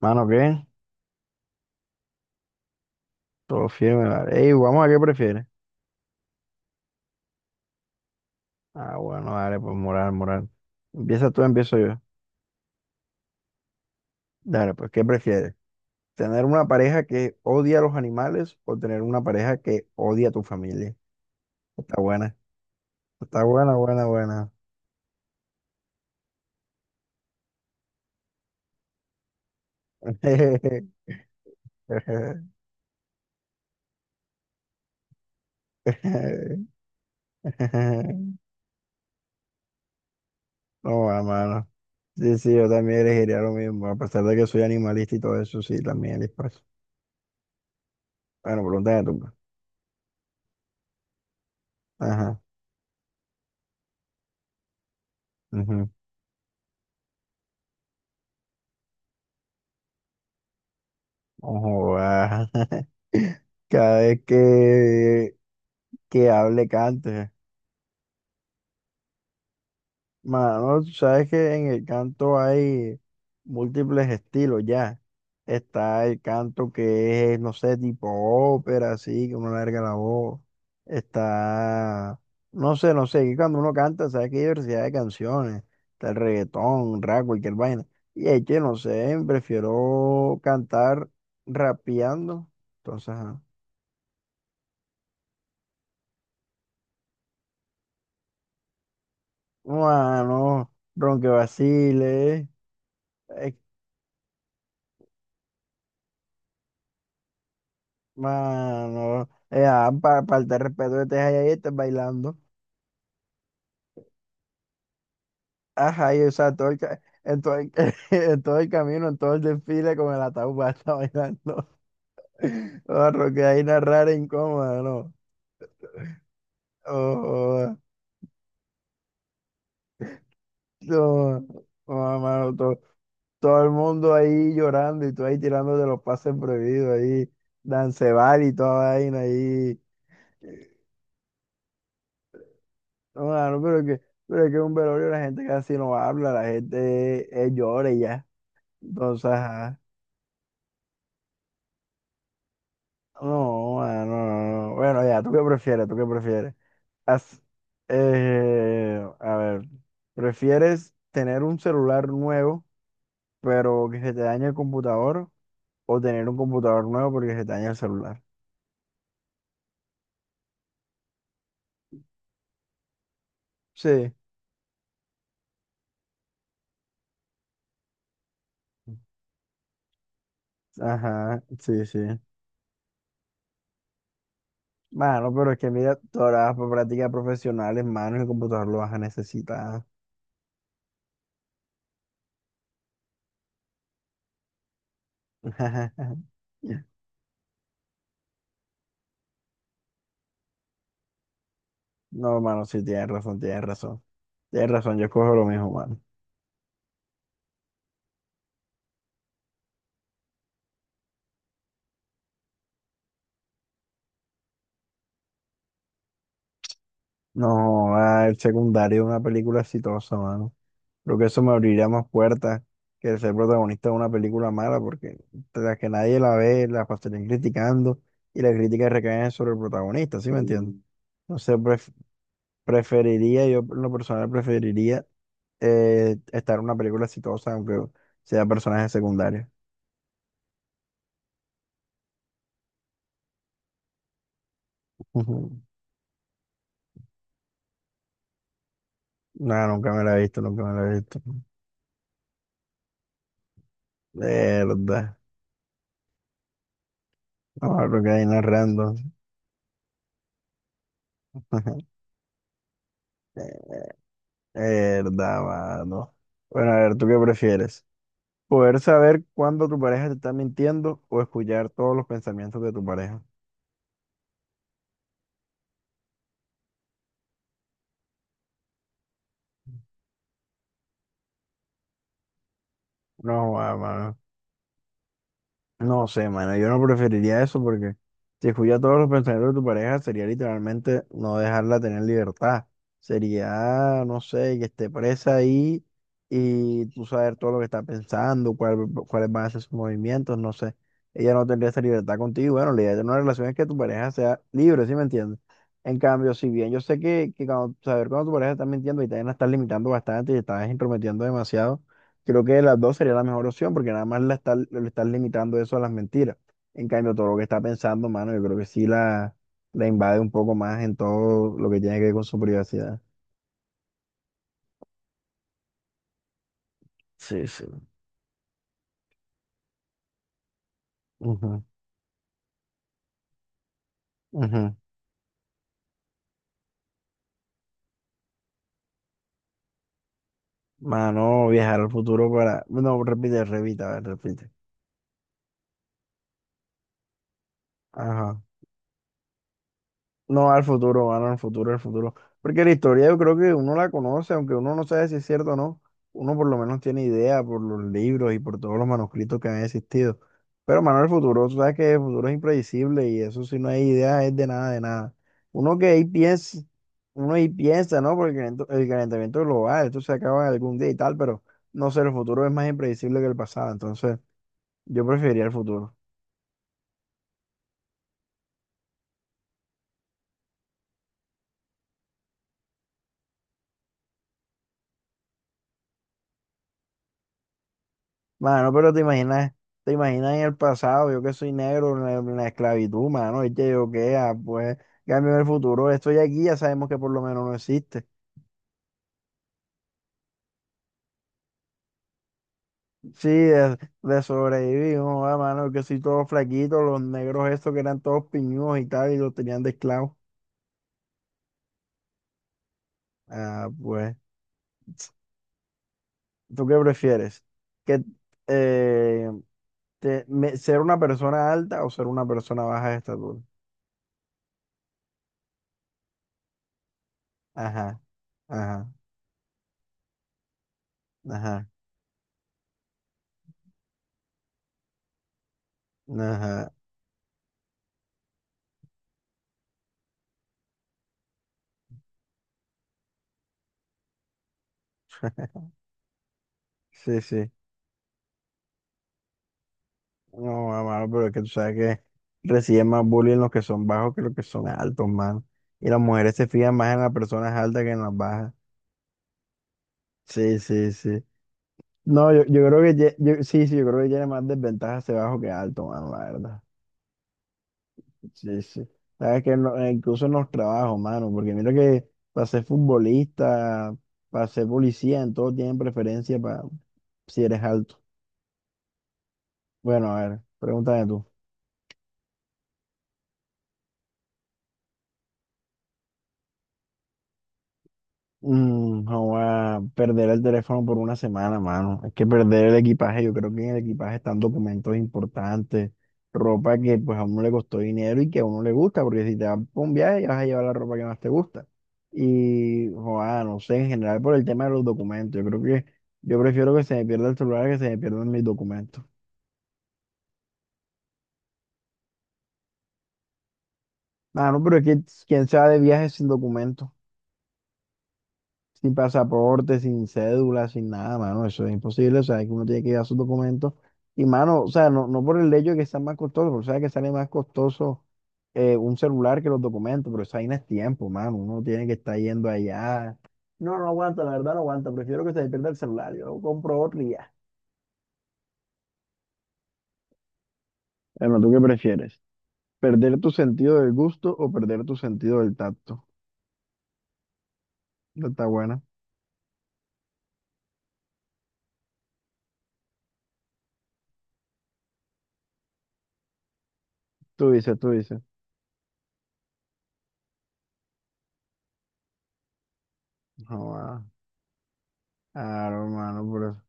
Mano, ¿qué? Todo firme, vale. Ey, vamos a qué prefieres. Ah, bueno, dale, pues moral, moral. Empieza tú, empiezo yo. Dale, pues, ¿qué prefieres? ¿Tener una pareja que odia a los animales o tener una pareja que odia a tu familia? Está buena. Está buena, buena, buena. No, va, mano. Sí, sí, yo también elegiría lo mismo, a pesar de que soy animalista y todo eso, sí, también les paso. Bueno, pregúntame tú pues. Ajá. Ojo, ah, Cada vez que hable, cante. Mano, tú sabes que en el canto hay múltiples estilos ya. Está el canto que es, no sé, tipo ópera, así, que uno larga la voz. Está, no sé, que cuando uno canta, sabes que hay diversidad de canciones. Está el reggaetón, rap, cualquier vaina. Y es que, no sé, prefiero cantar rapeando. Entonces, ajá. Mano, ronque vacile, eh. Eh, Mano, pa- falta de respeto que estés ahí, ahí estás bailando. Ajá, y o sea, todo el, ca- en, todo el, en todo el camino, en todo el desfile con el ataúd va a estar bailando. Oh, ronque ahí narrar incómoda, ¿no? Oh, oh, oh, mano, todo, todo el mundo ahí llorando y tú ahí tirándote los pases prohibidos ahí, dancebal y toda vaina ahí. No, mano, pero que un velorio la gente casi no habla, la gente llora y ya. Entonces, ajá. No, mano, no, no. Bueno, ya, ¿tú qué prefieres? ¿Tú qué prefieres? Haz- a ver, ¿prefieres tener un celular nuevo, pero que se te dañe el computador? ¿O tener un computador nuevo porque se te daña el celular? Sí, ajá, sí, sí. Mano, pero es que mira, todas las prácticas profesionales, manos y el computador lo vas a necesitar. No, mano, sí, tienes razón, tienes razón. Tienes razón, yo escojo lo mismo, mano. No, ah, el secundario es una película exitosa, mano. Creo que eso me abriría más puertas que el ser protagonista de una película mala, porque tras que nadie la ve, la pasarían criticando y las críticas recaen sobre el protagonista, ¿sí me entiendes? Entonces, pref- preferiría, yo en lo personal preferiría estar en una película exitosa, aunque sea personaje secundario. No, nunca me la he visto, nunca me la he visto. Verdad. No, porque hay no es random. Verdad, mano. Bueno, a ver, ¿tú qué prefieres? ¿Poder saber cuándo tu pareja te está mintiendo o escuchar todos los pensamientos de tu pareja? No, ah, mano, no sé, mano, yo no preferiría eso porque si escuchas todos los pensamientos de tu pareja sería literalmente no dejarla tener libertad. Sería, no sé, que esté presa ahí y tú saber todo lo que está pensando, cuál- cuáles van a ser sus movimientos, no sé. Ella no tendría esa libertad contigo. Bueno, la idea de una relación es que tu pareja sea libre, ¿sí me entiendes? En cambio, si bien yo sé que cuando- saber cuando tu pareja está mintiendo y también la estás limitando bastante y te estás intrometiendo demasiado, creo que las dos sería la mejor opción porque nada más la estás, le estás limitando eso a las mentiras. En cambio, todo lo que está pensando, mano, yo creo que sí la invade un poco más en todo lo que tiene que ver con su privacidad. Sí, sí. Ujú, ujú. Mano, viajar al futuro para... No, repite, repite, a ver, repite. Ajá. No, al futuro, van al futuro, al futuro. Porque la historia yo creo que uno la conoce, aunque uno no sabe si es cierto o no, uno por lo menos tiene idea por los libros y por todos los manuscritos que han existido. Pero, mano, el futuro, tú sabes que el futuro es impredecible y eso si no hay idea es de nada, de nada. Uno que ahí piensa, uno ahí piensa, ¿no? Porque el calent- el calentamiento global, esto se acaba algún día y tal, pero no sé, el futuro es más impredecible que el pasado, entonces yo preferiría el futuro. Mano, pero te imaginas en el pasado, yo que soy negro, en la esclavitud, mano, y que yo que, ah, pues, cambio en el futuro, estoy aquí, ya sabemos que por lo menos no existe. Sí, de sobrevivir, no, ah, mano, yo que soy todo flaquito, los negros estos que eran todos piñudos y tal, y los tenían de esclavos. Ah, pues, ¿tú qué prefieres? ¿Que, eh, te- me- ser una persona alta o ser una persona baja de estatura? Ajá, ajá, ajá, ajá. Sí, sí. No, mano, pero es que tú sabes que reciben más bullying los que son bajos que los que son altos, mano. Y las mujeres se fijan más en las personas altas que en las bajas. Sí, sí, sí. No, yo creo que ye- yo- sí, sí, yo creo que tiene más desventajas ser bajo que alto, mano, la verdad. Sí, sí. Sabes que no- incluso en los trabajos, mano, porque mira que para ser futbolista, para ser policía, en todo tienen preferencia para si eres alto. Bueno, a ver, pregúntame tú. Mm, joa, perder el teléfono por una semana, mano. Es que perder el equipaje, yo creo que en el equipaje están documentos importantes, ropa que pues a uno le costó dinero y que a uno le gusta, porque si te vas por un viaje vas a llevar la ropa que más te gusta. Y, joa, no sé, en general por el tema de los documentos, yo creo que yo prefiero que se me pierda el celular que se me pierdan mis documentos. Ah, no, pero es que quién se va de viaje sin documentos. Sin pasaporte, sin cédula, sin nada, mano, eso es imposible, o sea, que uno tiene que llevar sus documentos. Y, mano, o sea, no, no por el hecho de que sea más costoso, porque sabes que sale más costoso un celular que los documentos, pero esa vaina es tiempo, mano, uno tiene que estar yendo allá. No, no aguanta, la verdad no aguanta, prefiero que se me pierda el celular, yo compro otro y ya. Bueno, ¿tú qué prefieres? ¿Perder tu sentido del gusto o perder tu sentido del tacto? Esta está buena. Tú dices, tú dices. No, ah, claro, hermano, pero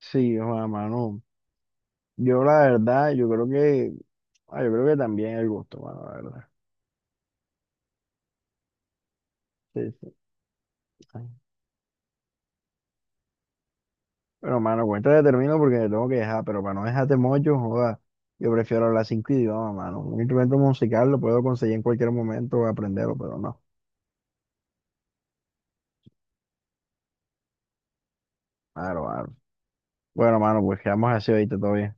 sí, joda, mano. Yo la verdad, yo creo que, ah, yo creo que también el gusto, mano, la verdad. Sí, sí. Ay. Pero, mano, cuéntate, termino porque te tengo que dejar, pero para no dejarte mocho, joda, yo prefiero hablar 5 idiomas, mano. Un instrumento musical lo puedo conseguir en cualquier momento, aprenderlo, pero no. Claro, claro. Bueno, mano, pues quedamos así ahorita, todo bien.